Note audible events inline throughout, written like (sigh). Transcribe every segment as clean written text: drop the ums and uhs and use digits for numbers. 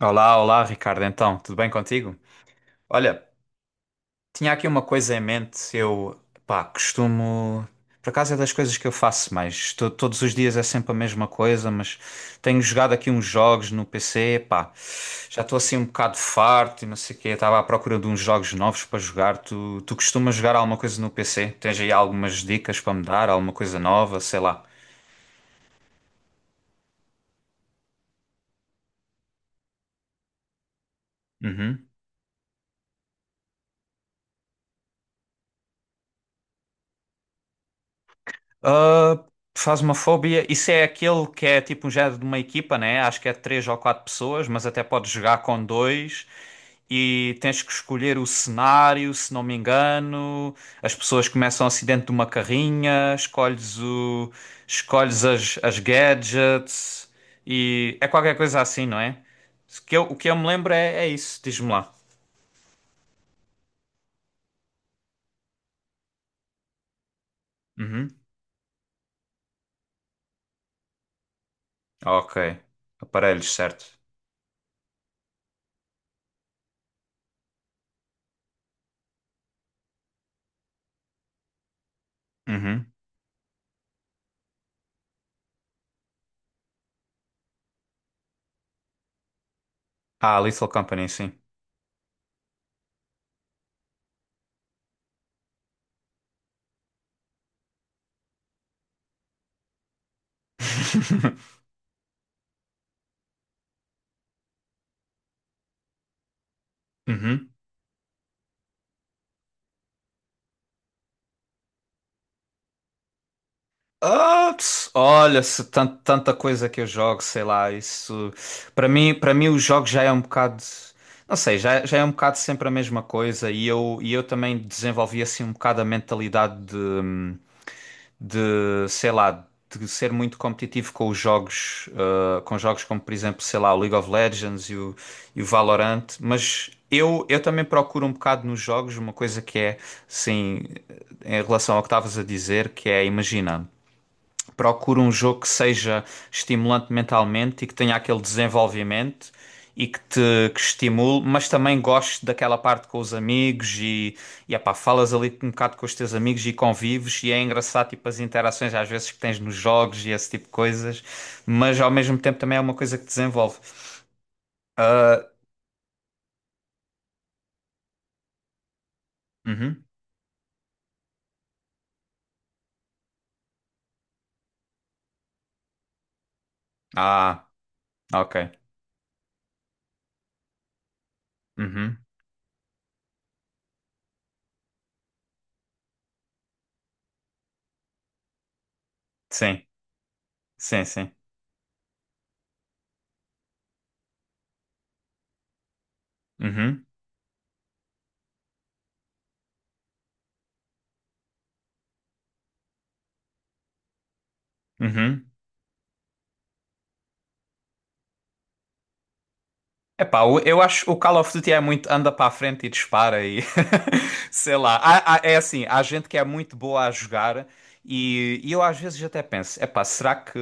Olá, olá, Ricardo. Então, tudo bem contigo? Olha, tinha aqui uma coisa em mente. Eu, pá, costumo. Por acaso é das coisas que eu faço mais. Todos os dias é sempre a mesma coisa, mas tenho jogado aqui uns jogos no PC. Pá, já estou assim um bocado farto e não sei o quê. Estava à procura de uns jogos novos para jogar. Tu costumas jogar alguma coisa no PC? Tens aí algumas dicas para me dar? Alguma coisa nova? Sei lá. Uhum. Ah, Phasmophobia, isso é aquele que é tipo um género de uma equipa, né? Acho que é três ou quatro pessoas, mas até podes jogar com dois e tens que escolher o cenário, se não me engano. As pessoas começam assim dentro de uma carrinha, escolhes o, escolhes as gadgets e é qualquer coisa assim, não é? O que eu me lembro é isso, diz-me lá. Uhum. Ok. Aparelhos, certo. Uhum. Ah, Lethal Company, sim. (laughs) Uhum. Olha, se tanta coisa que eu jogo, sei lá, isso para mim o jogo já é um bocado, não sei, já é um bocado sempre a mesma coisa e eu também desenvolvi assim um bocado a mentalidade de, sei lá, de ser muito competitivo com os jogos, ah, com jogos como, por exemplo, sei lá, o League of Legends e o Valorant, mas eu também procuro um bocado nos jogos uma coisa que é, sim, em relação ao que estavas a dizer, que é, imagina. Procuro um jogo que seja estimulante mentalmente e que tenha aquele desenvolvimento e que te que estimule, mas também gosto daquela parte com os amigos e epá, falas ali um bocado com os teus amigos e convives e é engraçado tipo as interações às vezes que tens nos jogos e esse tipo de coisas, mas ao mesmo tempo também é uma coisa que te desenvolve. Ah, uhum. Ah, ok. Uhum. Sim, sim, sim. Uhum. Uhum. Epá, eu acho que o Call of Duty é muito anda para a frente e dispara e (laughs) sei lá. É assim, há gente que é muito boa a jogar e eu às vezes até penso, epá,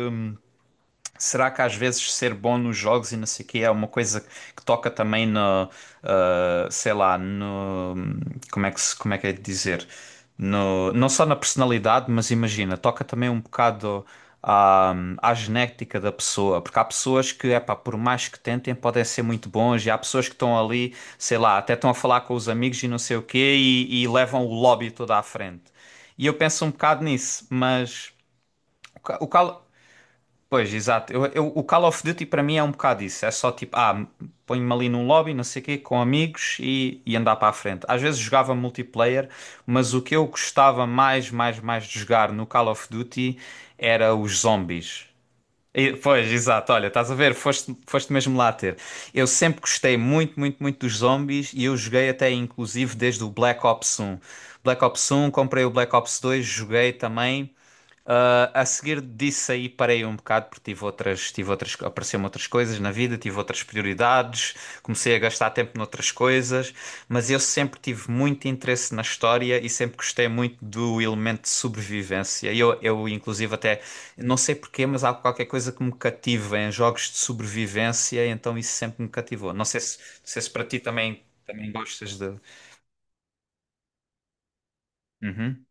Será que às vezes ser bom nos jogos e não sei o quê é uma coisa que toca também no, ah, sei lá, no, como é que é de dizer? No, não só na personalidade, mas imagina, toca também um bocado à, à genética da pessoa, porque há pessoas que, epá, por mais que tentem, podem ser muito bons, e há pessoas que estão ali, sei lá, até estão a falar com os amigos e não sei o quê, e levam o lobby todo à frente. E eu penso um bocado nisso, mas o ca- o cal- Pois, exato. O Call of Duty para mim é um bocado isso. É só tipo, ah, ponho-me ali num lobby, não sei o quê, com amigos e andar para a frente. Às vezes jogava multiplayer, mas o que eu gostava mais, mais, mais de jogar no Call of Duty era os zombies. Pois, exato. Olha, estás a ver? Foste mesmo lá ter. Eu sempre gostei muito, muito, muito dos zombies e eu joguei até inclusive desde o Black Ops um comprei o Black Ops dois joguei também. Ah, a seguir disso aí parei um bocado porque tive outras, apareceram outras coisas na vida, tive outras prioridades, comecei a gastar tempo noutras coisas, mas eu sempre tive muito interesse na história e sempre gostei muito do elemento de sobrevivência. E eu inclusive, até não sei porquê, mas há qualquer coisa que me cativa em jogos de sobrevivência, então isso sempre me cativou. Não sei se para ti também, também gostas de. Uhum,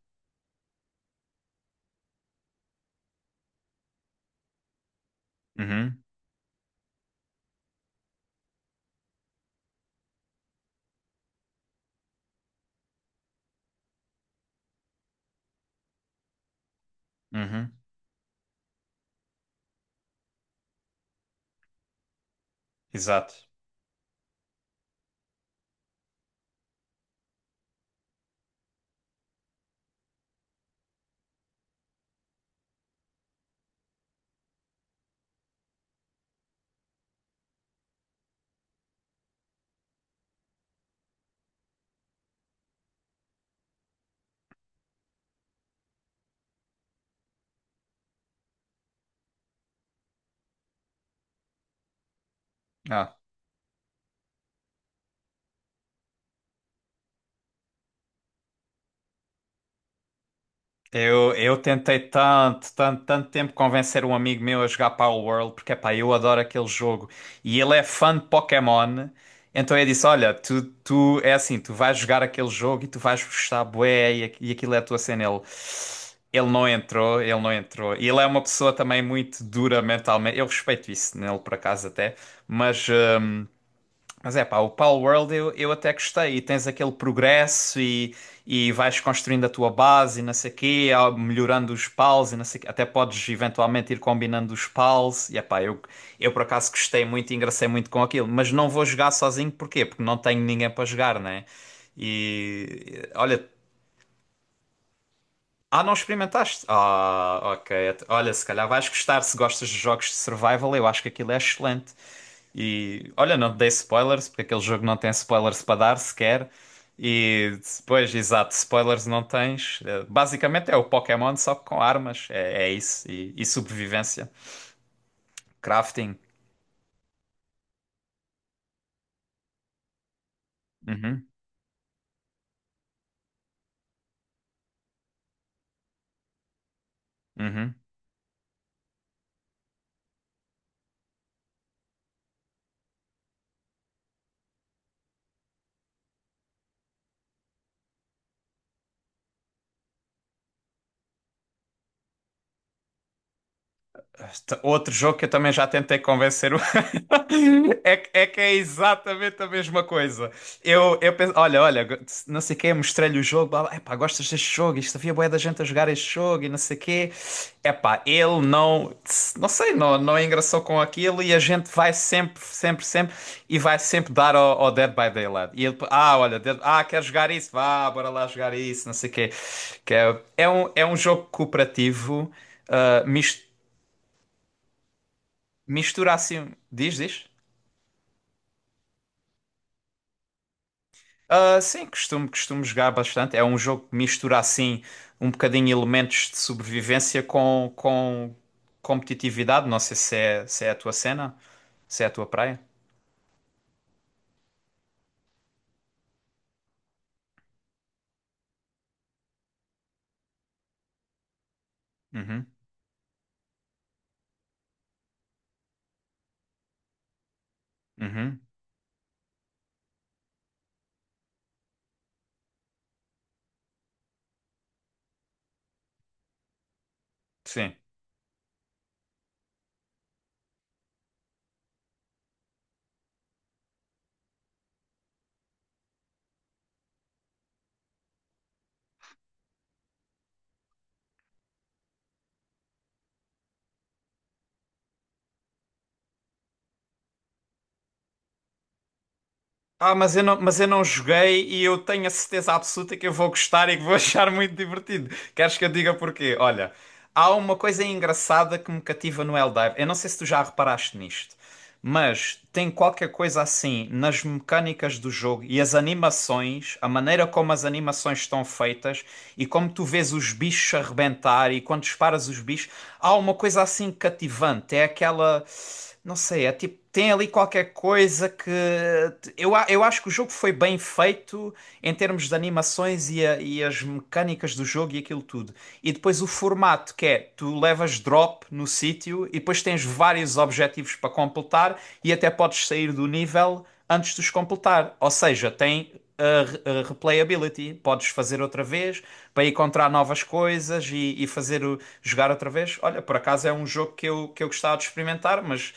uhum, uhum. Exato. Ah. Eu tentei tanto, tanto, tanto tempo convencer um amigo meu a jogar Power World, porque epá, eu adoro aquele jogo e ele é fã de Pokémon. Então eu disse: Olha, tu, tu é assim, tu vais jogar aquele jogo e tu vais gostar, bué, e, e aquilo é a tua cena. Ele, ele não entrou. E ele é uma pessoa também muito dura mentalmente. Eu respeito isso nele, por acaso, até, mas. Mas é pá, o Pal World eu até gostei. E tens aquele progresso e vais construindo a tua base e não sei quê, ah, melhorando os pals e não sei quê. Até podes eventualmente ir combinando os pals. E é pá, eu por acaso gostei muito e engracei muito com aquilo. Mas não vou jogar sozinho, porquê? Porque não tenho ninguém para jogar, né? E olha, ah, não experimentaste? Ah, ok. Olha, se calhar vais gostar se gostas de jogos de survival. Eu acho que aquilo é excelente. E olha, não te dei spoilers, porque aquele jogo não tem spoilers para dar sequer. E depois, exato, spoilers não tens. Eh, basicamente é o Pokémon, só que com armas. É isso. E sobrevivência. Crafting. Uhum, uhum. Outro jogo que eu também já tentei convencer o... (laughs) é, é que é exatamente a mesma coisa. Eu penso, olha, não sei o quê, mostrei-lhe o jogo, blá, blá, epá, gostas deste jogo? Isto havia bué da gente a jogar este jogo e não sei o quê. Epá, ele não, não sei, não engraçou com aquilo e a gente vai sempre e vai sempre dar ao, ao Dead by Daylight. E ele, ah, olha, ah, quer jogar isso? Vá, bora lá jogar isso, não sei o quê. Que é, é um jogo cooperativo, ah, mistura assim. Diz, diz. Ah, sim, costumo jogar bastante. É um jogo que mistura assim um bocadinho elementos de sobrevivência com competitividade. Não sei se é, se é a tua cena, se é a tua praia. Uhum, uhum, sim. Mas eu não joguei e eu tenho a certeza absoluta que eu vou gostar e que vou (laughs) achar muito divertido. Queres que eu diga porquê? Olha, há uma coisa engraçada que me cativa no Eldive. Eu não sei se tu já reparaste nisto, mas tem qualquer coisa assim nas mecânicas do jogo e as animações, a maneira como as animações estão feitas e como tu vês os bichos arrebentar e quando disparas os bichos, há uma coisa assim cativante. É aquela. Não sei, é tipo, tem ali qualquer coisa que. Eu acho que o jogo foi bem feito em termos de animações e, e as mecânicas do jogo e aquilo tudo. E depois o formato, que é tu levas drop no sítio e depois tens vários objetivos para completar e até podes sair do nível antes de os completar. Ou seja, tem a a replayability. Podes fazer outra vez para encontrar novas coisas e fazer jogar outra vez. Olha, por acaso é um jogo que eu gostava de experimentar, mas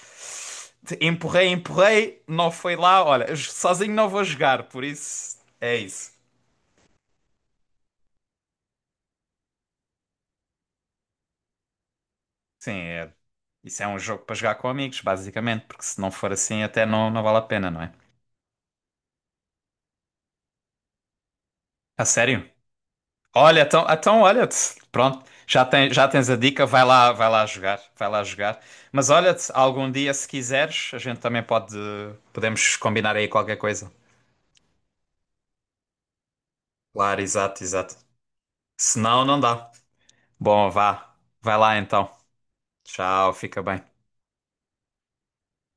empurrei, não foi lá. Olha, sozinho não vou jogar, por isso é isso. Sim, é. Isso é um jogo para jogar com amigos, basicamente, porque se não for assim até não vale a pena, não é? A sério? Olha, então, então olha, pronto, já tens a dica, vai lá jogar, vai lá jogar. Mas olha, algum dia se quiseres, a gente também pode, podemos combinar aí qualquer coisa. Claro, exato, exato. Se não, não dá. Bom, vá, vai lá então. Tchau, fica bem.